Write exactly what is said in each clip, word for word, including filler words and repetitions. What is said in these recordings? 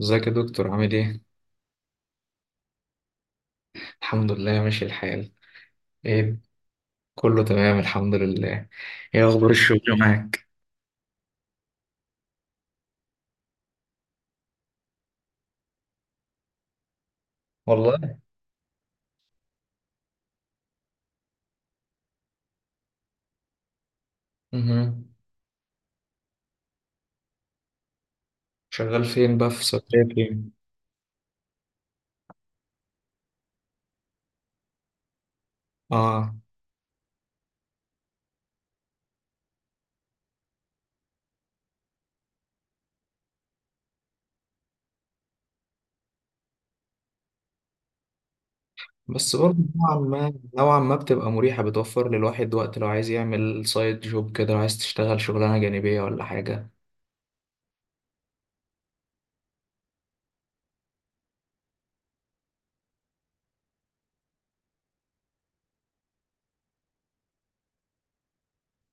ازيك يا دكتور؟ عامل ايه؟ الحمد لله، ماشي الحال. ايه، كله تمام الحمد لله. ايه اخبار الشغل معاك؟ والله. مهم. شغال فين بقى؟ في صيدلية فين؟ اه. بس برضه نوعا ما نوعا ما بتبقى مريحة، بتوفر للواحد وقت لو عايز يعمل سايد جوب كده، لو عايز تشتغل شغلانة جانبية ولا حاجة.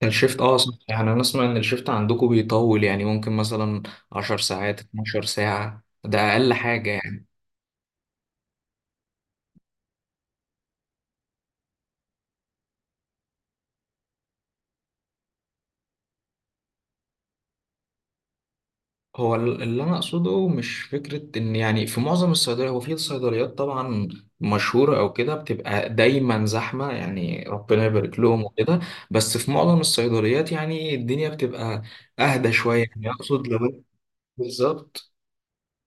الشيفت، اه صح، يعني انا اسمع ان الشيفت عندكم بيطول، يعني ممكن مثلا 10 ساعات 12 ساعة ده اقل حاجة يعني. هو ال- اللي انا اقصده، مش فكره ان يعني في معظم الصيدليات، هو في صيدليات طبعا مشهوره او كده بتبقى دايما زحمه، يعني ربنا يبارك لهم وكده، بس في معظم الصيدليات يعني الدنيا بتبقى اهدى شويه. يعني اقصد لو، بالظبط،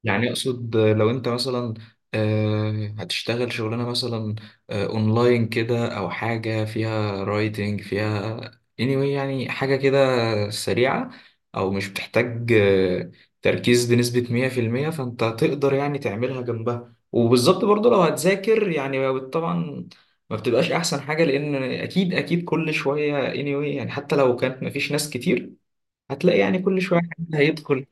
يعني اقصد لو انت مثلا آه، هتشتغل شغلانه مثلا آه، اونلاين كده او حاجه فيها رايتنج، فيها anyway يعني حاجه كده سريعه، او مش بتحتاج آه، تركيز بنسبه مية في المية، فانت هتقدر يعني تعملها جنبها. وبالظبط برضو لو هتذاكر، يعني طبعا ما بتبقاش احسن حاجه، لان اكيد اكيد كل شويه anyway يعني حتى لو كانت مفيش ناس كتير، هتلاقي يعني كل شويه حد هيدخل.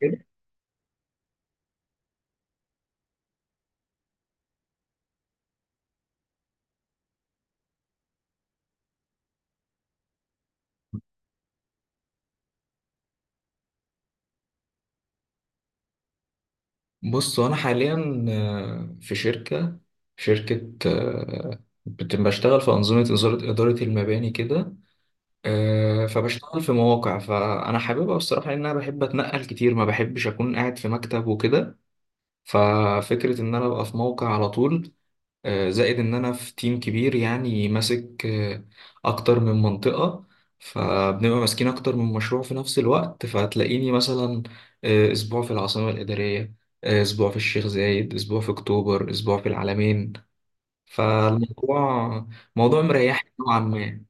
بص انا حاليا آه، في شركه، شركه، آه، بت- بشتغل في انظمه إزارة- اداره المباني كده. آه، فبشتغل في مواقع، فانا حاببها بصراحه لان انا بحب اتنقل كتير، ما بحبش اكون قاعد في مكتب وكده. ففكره ان انا ابقى في موقع على طول، آه، زائد ان انا في تيم كبير، يعني ماسك آه، اكتر من منطقة. فبنبقى ماسكين اكتر من مشروع في نفس الوقت، فهتلاقيني مثلا آه، اسبوع في العاصمة الإدارية، آه، اسبوع في الشيخ زايد، اسبوع في اكتوبر، اسبوع في العلمين. فالموضوع موضوع مريح نوعا ما.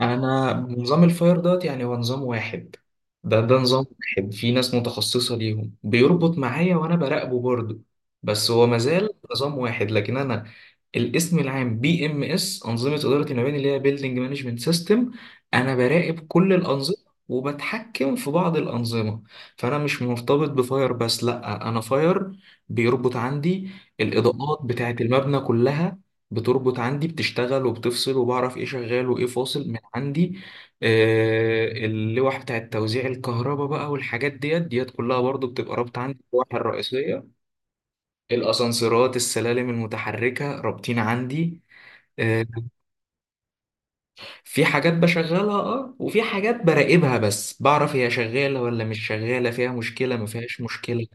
انا نظام الفاير دوت، يعني هو نظام واحد. ده ده نظام واحد، في ناس متخصصة ليهم بيربط معايا وانا براقبه برضه. بس هو مازال نظام واحد. لكن انا الاسم العام بي ام اس، انظمه اداره المباني، اللي هي بيلدنج مانجمنت سيستم. انا براقب كل الانظمه، وبتحكم في بعض الانظمه. فانا مش مرتبط بفاير بس، لا، انا فاير بيربط عندي الاضاءات بتاعه المبنى كلها، بتربط عندي، بتشتغل وبتفصل، وبعرف ايه شغال وايه فاصل من عندي. آه، اللوح بتاعه توزيع الكهرباء بقى والحاجات ديت ديت كلها برضو بتبقى رابطه عندي اللوحه الرئيسيه. الاسانسيرات، السلالم المتحركه، رابطين عندي. آه، في حاجات بشغلها اه، وفي حاجات براقبها بس، بعرف هي شغالة ولا مش شغالة، فيها مشكلة ما فيهاش مشكلة.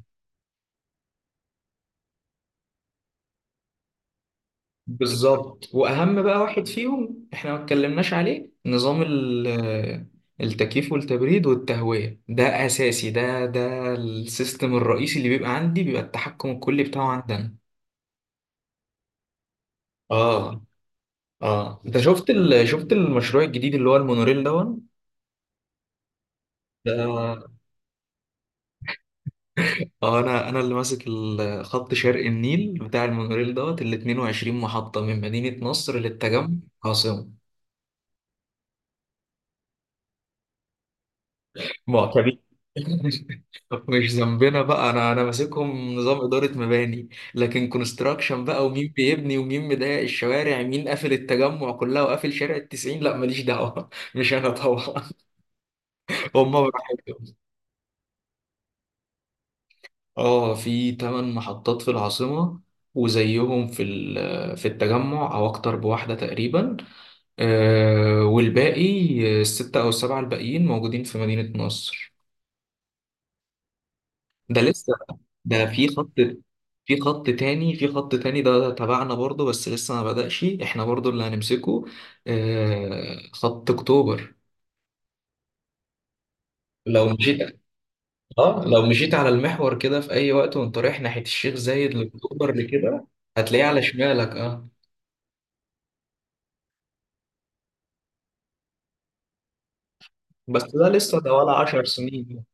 بالظبط. واهم بقى واحد فيهم احنا ما اتكلمناش عليه، نظام ال- آه، التكييف والتبريد والتهوية. ده اساسي، ده ده السيستم الرئيسي اللي بيبقى عندي، بيبقى التحكم الكلي بتاعه عندنا. اه، اه. انت شفت ال... شفت المشروع الجديد اللي هو المونوريل ده؟ ده اه، انا انا اللي ماسك ال- خط شرق النيل بتاع المونوريل دوت، ال 22 محطة من مدينة نصر للتجمع عاصمة. معتمين. مش ذنبنا بقى، انا انا ماسكهم نظام إدارة مباني، لكن كونستراكشن بقى ومين بيبني ومين مضايق الشوارع، مين قافل التجمع كلها وقافل شارع التسعين، لا ماليش دعوة. مش انا طبعا، هم براحتهم. اه، في ثمان محطات في العاصمة، وزيهم في ال- في التجمع او اكتر بواحدة تقريبا. آه، والباقي، آه، الستة أو السبعة الباقيين موجودين في مدينة نصر. ده لسه. ده في خط، في خط تاني في خط تاني ده تبعنا برضه، بس لسه ما بدأش، احنا برضه اللي هنمسكه. آه، خط أكتوبر. لو مشيت، اه لو مشيت على المحور كده في أي وقت وأنت رايح ناحية الشيخ زايد، لأكتوبر لكده، هتلاقيه على شمالك، اه. بس ده لسه ده ولا عشر سنين.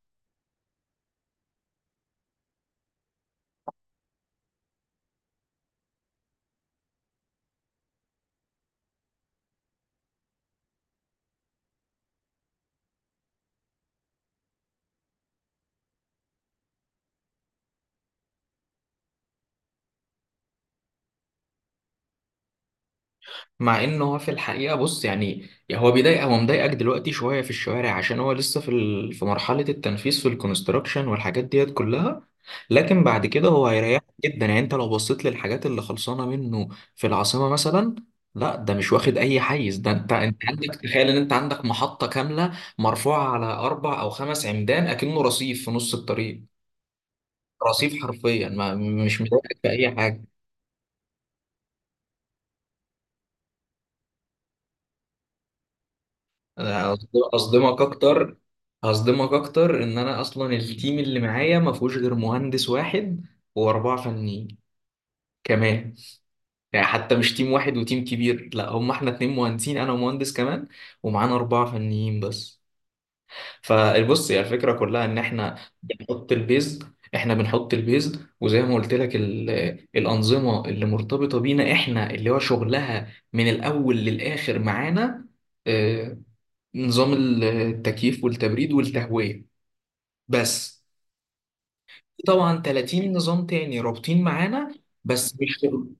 مع ان هو في الحقيقه، بص يعني، يعني هو بيضايق، هو مضايقك دلوقتي شويه في الشوارع عشان هو لسه في ال... في مرحله التنفيذ، في الكونستراكشن والحاجات ديت كلها. لكن بعد كده هو هيريحك جدا، يعني انت لو بصيت للحاجات اللي خلصانه منه في العاصمه مثلا، لا ده مش واخد اي حيز. ده انت، انت عندك تخيل ان انت عندك محطه كامله مرفوعه على اربع او خمس عمدان، اكنه رصيف في نص الطريق، رصيف حرفيا ما مش مضايقك في اي حاجه. انا هصد- هصدمك اكتر، هصدمك اكتر ان انا اصلا التيم اللي معايا ما فيهوش غير مهندس واحد واربعه فنيين كمان. يعني حتى مش تيم واحد وتيم كبير، لا، هم احنا اتنين مهندسين، انا ومهندس كمان، ومعانا اربعه فنيين بس. فبص، هي الفكره كلها ان احنا بنحط البيز. احنا بنحط البيز وزي ما قلت لك، ال- الانظمه اللي مرتبطه بينا احنا، اللي هو شغلها من الاول للاخر معانا، آه، نظام ال- التكييف والتبريد والتهوية بس. طبعا 30 نظام تاني رابطين معانا، بس مش شغل.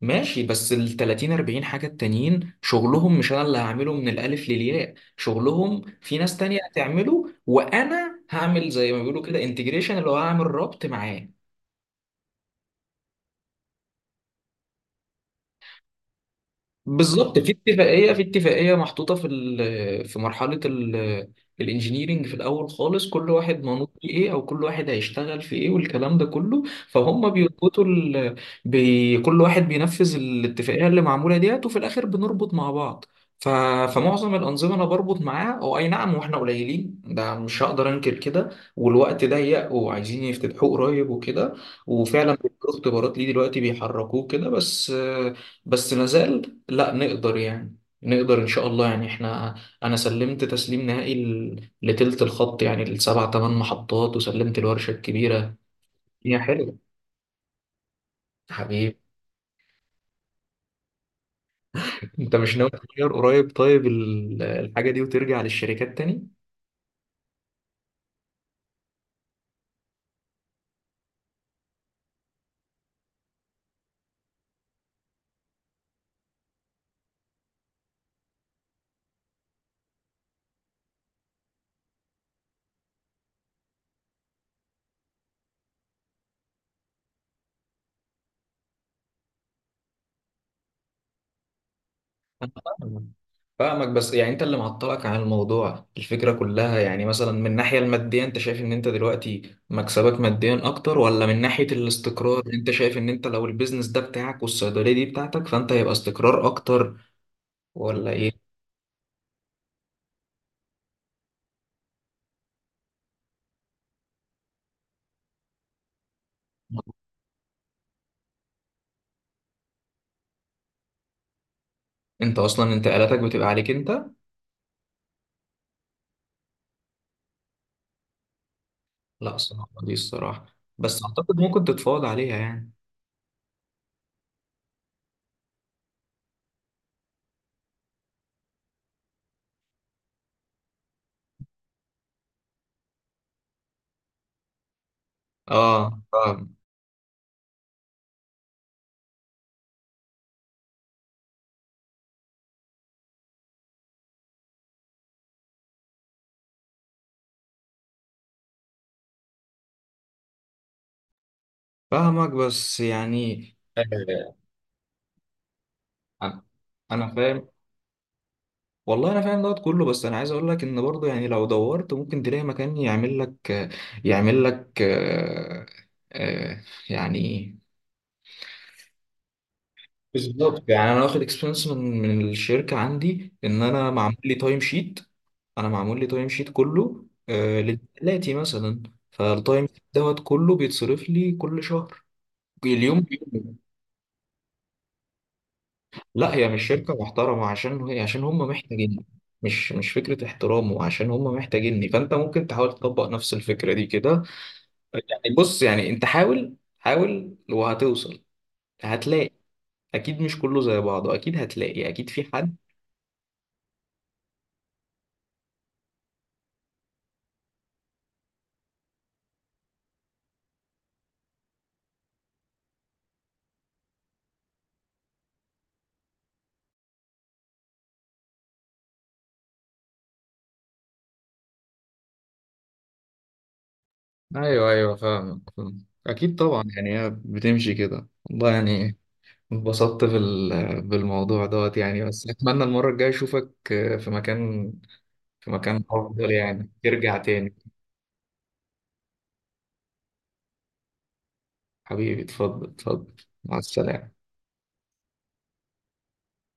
ماشي، بس ال ثلاثين اربعين حاجة التانيين، شغلهم مش انا اللي هعمله من الالف للياء، شغلهم في ناس تانية هتعمله، وانا هعمل زي ما بيقولوا كده انتجريشن، اللي هو هعمل ربط معاه. بالظبط، في اتفاقيه، في اتفاقيه محطوطه في ال- في مرحله ال- الانجينيرينج في الاول خالص، كل واحد منوط في ايه، او كل واحد هيشتغل في ايه، والكلام ده كله. فهم بيربطوا ال... بي... كل واحد بينفذ الاتفاقيه اللي معموله ديت، وفي الاخر بنربط مع بعض. ف... فمعظم الانظمه انا بربط معاها، او اي نعم، واحنا قليلين ده مش هقدر انكر كده، والوقت ضيق وعايزين يفتتحوه قريب وكده، وفعلا بيجروا اختبارات ليه دلوقتي، بيحركوه كده بس. بس ما زال لا نقدر، يعني نقدر ان شاء الله، يعني احنا انا سلمت تسليم نهائي ل- لتلت الخط، يعني السبع ثمان محطات، وسلمت الورشة الكبيرة. يا حلو، حبيبي. انت مش ناوي تغير قريب طيب ال- الحاجة دي، وترجع للشركات تاني؟ فاهمك، فاهمك، بس يعني انت اللي معطلك عن الموضوع، الفكرة كلها، يعني مثلا من الناحية المادية انت شايف ان انت دلوقتي مكسبك ماديا اكتر، ولا من ناحية الاستقرار انت شايف ان انت لو البيزنس ده بتاعك والصيدلية دي بتاعتك فانت هيبقى استقرار اكتر، ولا ايه؟ انت اصلا انتقالاتك بتبقى عليك انت. لا، الصراحه دي الصراحه، بس اعتقد ممكن تتفاوض عليها يعني. اه فاهم. فاهمك، بس يعني، آه، انا أنا فاهم، والله انا فاهم دوت كله، بس انا عايز اقول لك ان برضه يعني لو دورت ممكن تلاقي مكان يعمل لك، يعمل لك آه، آه، يعني، بالظبط. يعني انا واخد اكسبيرينس من من الشركه عندي، ان انا معمول لي تايم شيت. انا معمول لي تايم شيت كله آه لدلاتي مثلا. فالتايم شيت دوت كله بيتصرف لي كل شهر، اليوم بيومه. لا، هي مش شركه محترمه عشان هي، عشان هم محتاجيني. مش مش فكره احترام، وعشان هم محتاجيني فانت ممكن تحاول تطبق نفس الفكره دي كده. يعني بص يعني انت حاول حاول وهتوصل، هتلاقي، اكيد مش كله زي بعضه، اكيد هتلاقي، اكيد في حد. ايوه ايوه، فاهمك فاهمك. اكيد طبعا، يعني هي بتمشي كده والله يعني. اتبسطت بال... بالموضوع دوت يعني، بس اتمنى المره الجايه اشوفك في مكان، في مكان افضل يعني، ترجع تاني. حبيبي، اتفضل اتفضل، مع السلامه.